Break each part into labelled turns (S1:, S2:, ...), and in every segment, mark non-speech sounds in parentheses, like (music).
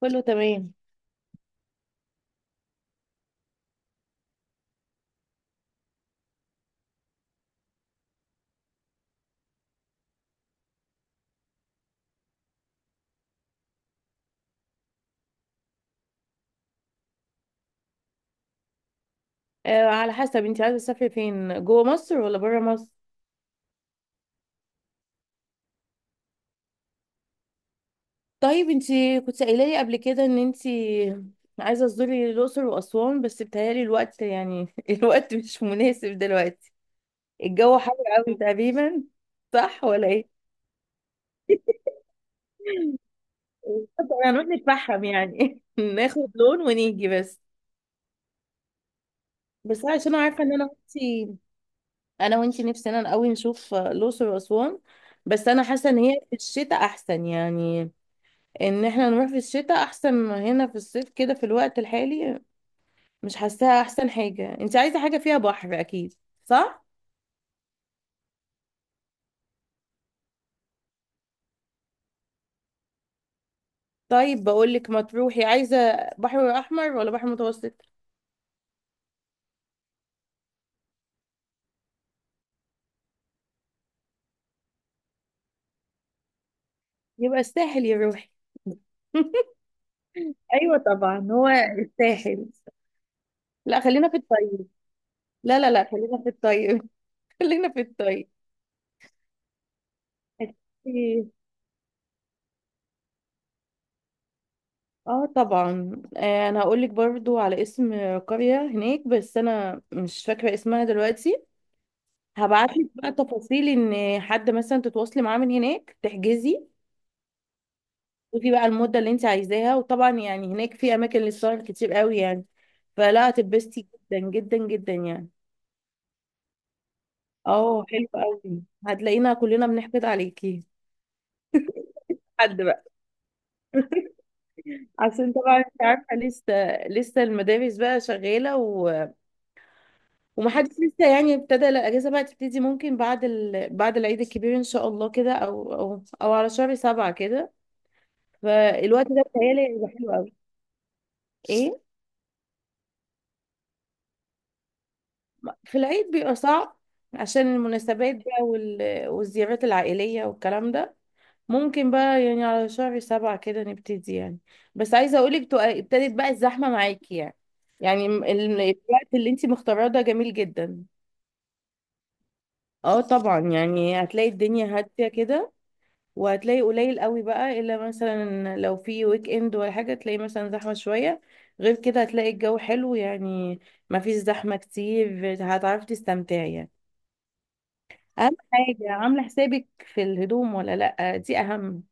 S1: كله تمام. على حسب انت عايزه تسافري فين، جوه مصر ولا بره مصر؟ طيب، انت كنت قايله لي قبل كده ان انت عايزه تزوري الاقصر واسوان، بس بتهيالي الوقت يعني (laughs) الوقت مش مناسب دلوقتي. الجو حر قوي تقريبا، صح ولا ايه؟ (laughs) طب هنروح نتفحم يعني (laughs) ناخد لون ونيجي بس. بس أنا عشان عارفه ان انا وانتي نفسنا قوي نشوف الاقصر واسوان. بس انا حاسه ان هي في الشتاء احسن يعني، ان احنا نروح في الشتاء احسن ما هنا في الصيف كده في الوقت الحالي. مش حاساها احسن حاجة. انت عايزة حاجة فيها بحر اكيد، صح؟ طيب، بقولك ما تروحي. عايزة بحر احمر ولا بحر متوسط؟ يبقى الساحل يا روحي. (laughs) ايوه طبعا، هو الساحل. لا، خلينا في الطيب. لا، لا، لا، خلينا في الطيب. (laughs) خلينا في الطيب. أكيد. اه، طبعا. انا هقولك برضو على اسم قرية هناك، بس انا مش فاكرة اسمها دلوقتي. هبعتلك بقى تفاصيل، ان حد مثلا تتواصلي معاه من هناك تحجزي. ودي بقى المدة اللي انت عايزاها، وطبعا يعني هناك في اماكن للسهر كتير قوي يعني، فلا هتتبسطي جدا جدا جدا يعني. اه، حلو قوي. هتلاقينا كلنا بنحقد عليكي. حد بقى. عشان طبعا انت عارفه لسه المدارس بقى شغاله و... ومحدش لسه يعني ابتدى. لا، الاجازه بقى تبتدي ممكن بعد العيد الكبير ان شاء الله كده، او على شهر 7 كده. فالوقت ده بتهيألي هيبقى حلو قوي. ايه؟ في العيد بيبقى صعب عشان المناسبات بقى، وال... والزيارات العائلية والكلام ده. ممكن بقى يعني على شهر 7 كده نبتدي يعني. بس عايزة اقولك ابتدت بقى الزحمة معاكي يعني الوقت اللي انتي مختاراه ده جميل جدا. اه، طبعا يعني هتلاقي الدنيا هادية كده، وهتلاقي قليل قوي بقى، الا مثلا لو في ويك اند ولا حاجة تلاقي مثلا زحمة شوية. غير كده هتلاقي الجو حلو يعني، مفيش زحمة كتير، هتعرفي تستمتعي يعني. اهم حاجه، عامله حسابك في الهدوم ولا لا؟ دي اهم.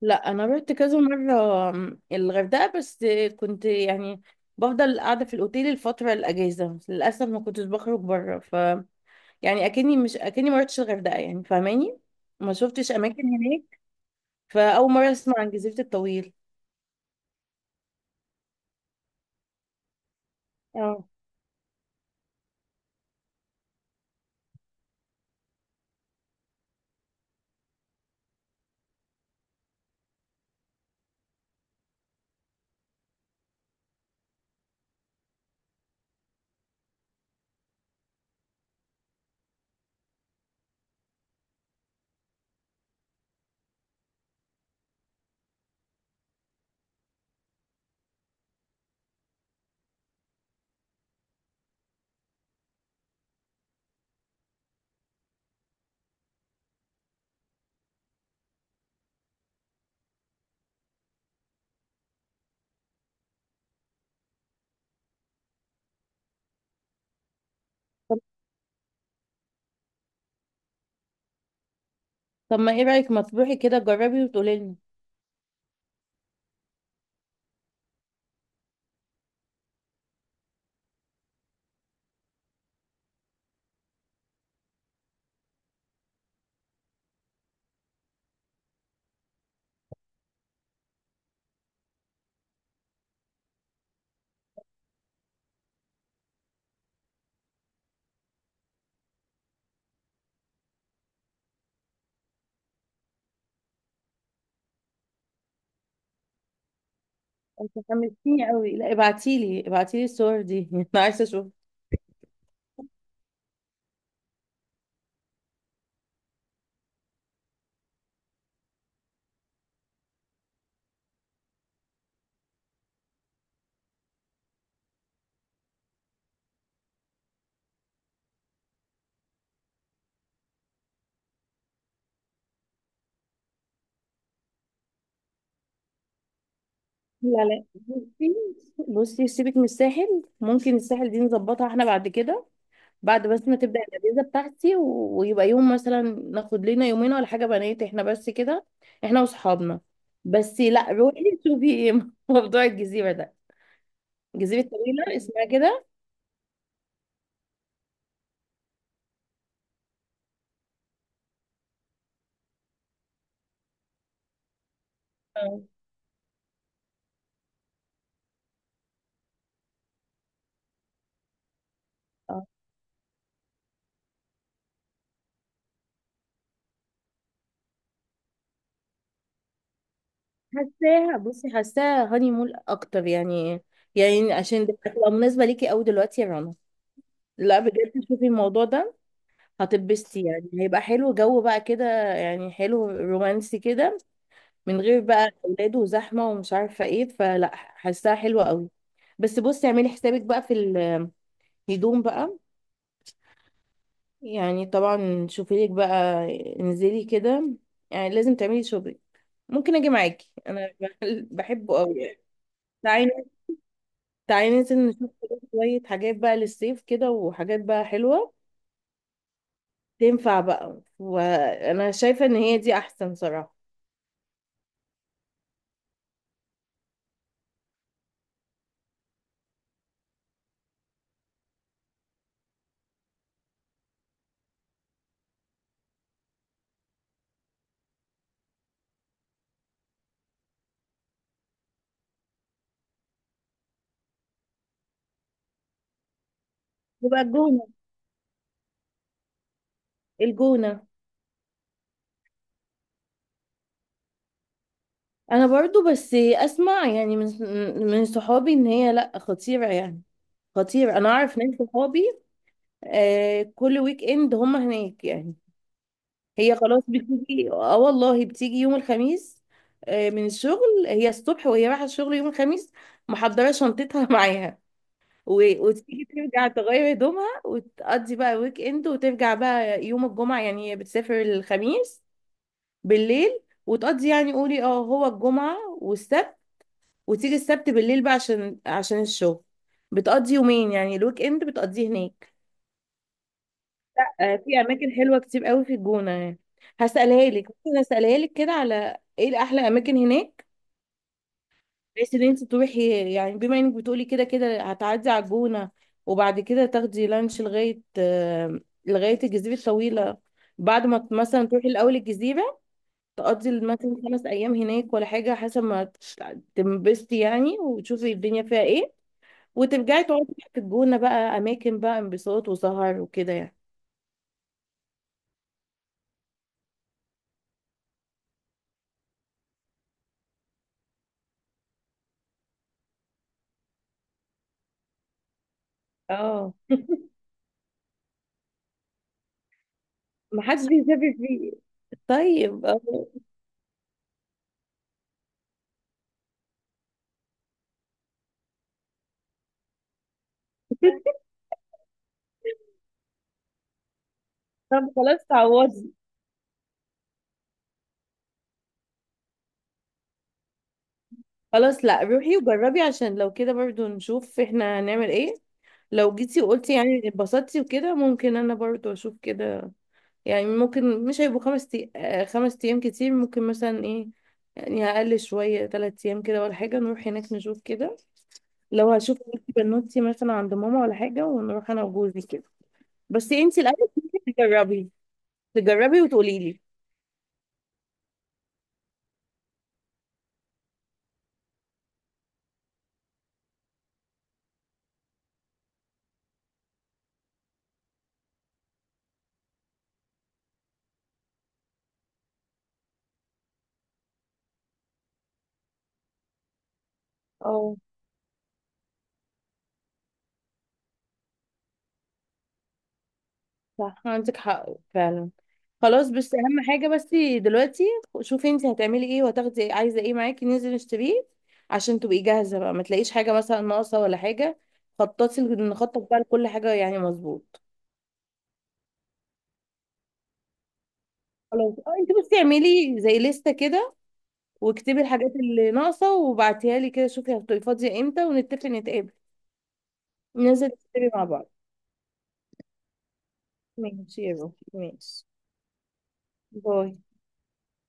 S1: لا، انا رحت كذا مره الغردقه بس. كنت يعني بفضل قاعده في الاوتيل الفتره الاجازه، للاسف ما كنتش بخرج بره ف. يعني، اكني ما رحتش الغردقه يعني، فاهماني؟ ما شفتش اماكن هناك. فاول مره اسمع عن جزيره الطويل. اه، طب طب ما ايه رايك، ما تروحي كده جربي وتقولي لنا. انت حمستيني قوي. لا، ابعتيلي ابعتيلي الصور دي (laughs) انا عايزه اشوف. لا، لا، بصي، بصي، سيبك من الساحل. ممكن الساحل دي نظبطها احنا بعد كده. بعد بس ما تبدأ الأجازة بتاعتي و- ويبقى يوم مثلا ناخد لنا يومين ولا حاجة، بنات احنا بس كده، احنا واصحابنا. بس لا، روحي شوفي ايه (laughs) موضوع الجزيرة ده. الجزيرة الطويلة اسمها كده. اه، اه. حاساها، بصي، حاساها هاني مول اكتر يعني عشان هتبقى مناسبة ليكي قوي دلوقتي يا رنا. لا، بجد شوفي الموضوع ده. هتتبسطي يعني، هيبقى حلو جو بقى كده، يعني حلو رومانسي كده، من غير بقى اولاد وزحمه ومش عارفه ايه، فلا حاساها حلوه قوي. بس بصي، اعملي حسابك بقى في الهدوم بقى. يعني طبعا شوفي لك بقى، انزلي كده، يعني لازم تعملي شوبينج. ممكن اجي معاكي انا (laughs) بحبه قوي يعني. تعالي، تعالي ننزل نشوف كده شويه حاجات بقى للصيف كده، وحاجات بقى حلوه تنفع بقى. وانا شايفه ان هي دي احسن صراحه. يبقى الجونه. الجونة. انا برضو بس اسمع يعني من صحابي ان هي لا، خطيرة يعني. خطيرة. انا اعرف ناس صحابي، آه كل ويك اند هم هناك يعني. هي خلاص بتيجي، اه والله بتيجي يوم الخميس، من الشغل. هي الصبح وهي رايحة الشغل يوم الخميس محضرة شنطتها (laughs) معاها. و- وتيجي ترجع تغير هدومها وتقضي بقى ويك اند، وترجع بقى يوم الجمعة يعني. هي بتسافر الخميس بالليل، وتقضي يعني قولي اه هو الجمعة والسبت، وتيجي السبت بالليل بقى عشان الشغل. بتقضي يومين يعني الويك اند بتقضيه هناك. آه، في اماكن حلوه كتير قوي في الجونه يعني. هسألها لك، ممكن اسالها لك كده على ايه الاحلى اماكن هناك، بحيث ان انت تروحي يعني. بما انك بتقولي كده كده هتعدي على الجونه، وبعد كده تاخدي لانش لغايه الجزيره الطويله. بعد ما مثلا تروحي الاول الجزيره، تقضي مثلا 5 ايام هناك ولا حاجه، حسب ما تنبسطي يعني وتشوفي الدنيا فيها ايه، وترجعي تقعدي في الجونة بقى، أماكن بقى انبساط وسهر وكده يعني. اه، محدش بيسافر فيه. طيب. (laughs) طب خلاص تعوضي. خلاص، لا، روحي وجربي عشان لو كده برضو نشوف احنا هنعمل ايه. لو جيتي وقلتي يعني اتبسطتي وكده، ممكن انا برضو اشوف كده. يعني ممكن مش هيبقوا خمس تي... آه، 5 ايام كتير، ممكن مثلا ايه يعني اقل شوية 3 ايام كده ولا حاجة، نروح هناك نشوف كده. لو هشوف بنوتي مثلا عند ماما ولا حاجة، ونروح انا وجوزي كده. بس انت الاول تجربي، تجربي وتقولي لي. اه، صح، عندك حق فعلا. خلاص، بس اهم حاجه بس دلوقتي، شوفي انت هتعملي ايه وهتاخدي عايزه ايه معاكي ننزل نشتريه، عشان تبقي جاهزه بقى ما تلاقيش حاجه مثلا ناقصه ولا حاجه. خططي نخطط بقى لكل حاجه يعني. مظبوط. خلاص، اه، انت بس اعملي زي لستة كده، واكتبي الحاجات اللي ناقصه وبعتيها لي كده. شوفي هتبقي فاضيه امتى ونتفق نتقابل ننزل نشتري مع بعض. ماشي يا روحي، ماشي. باي.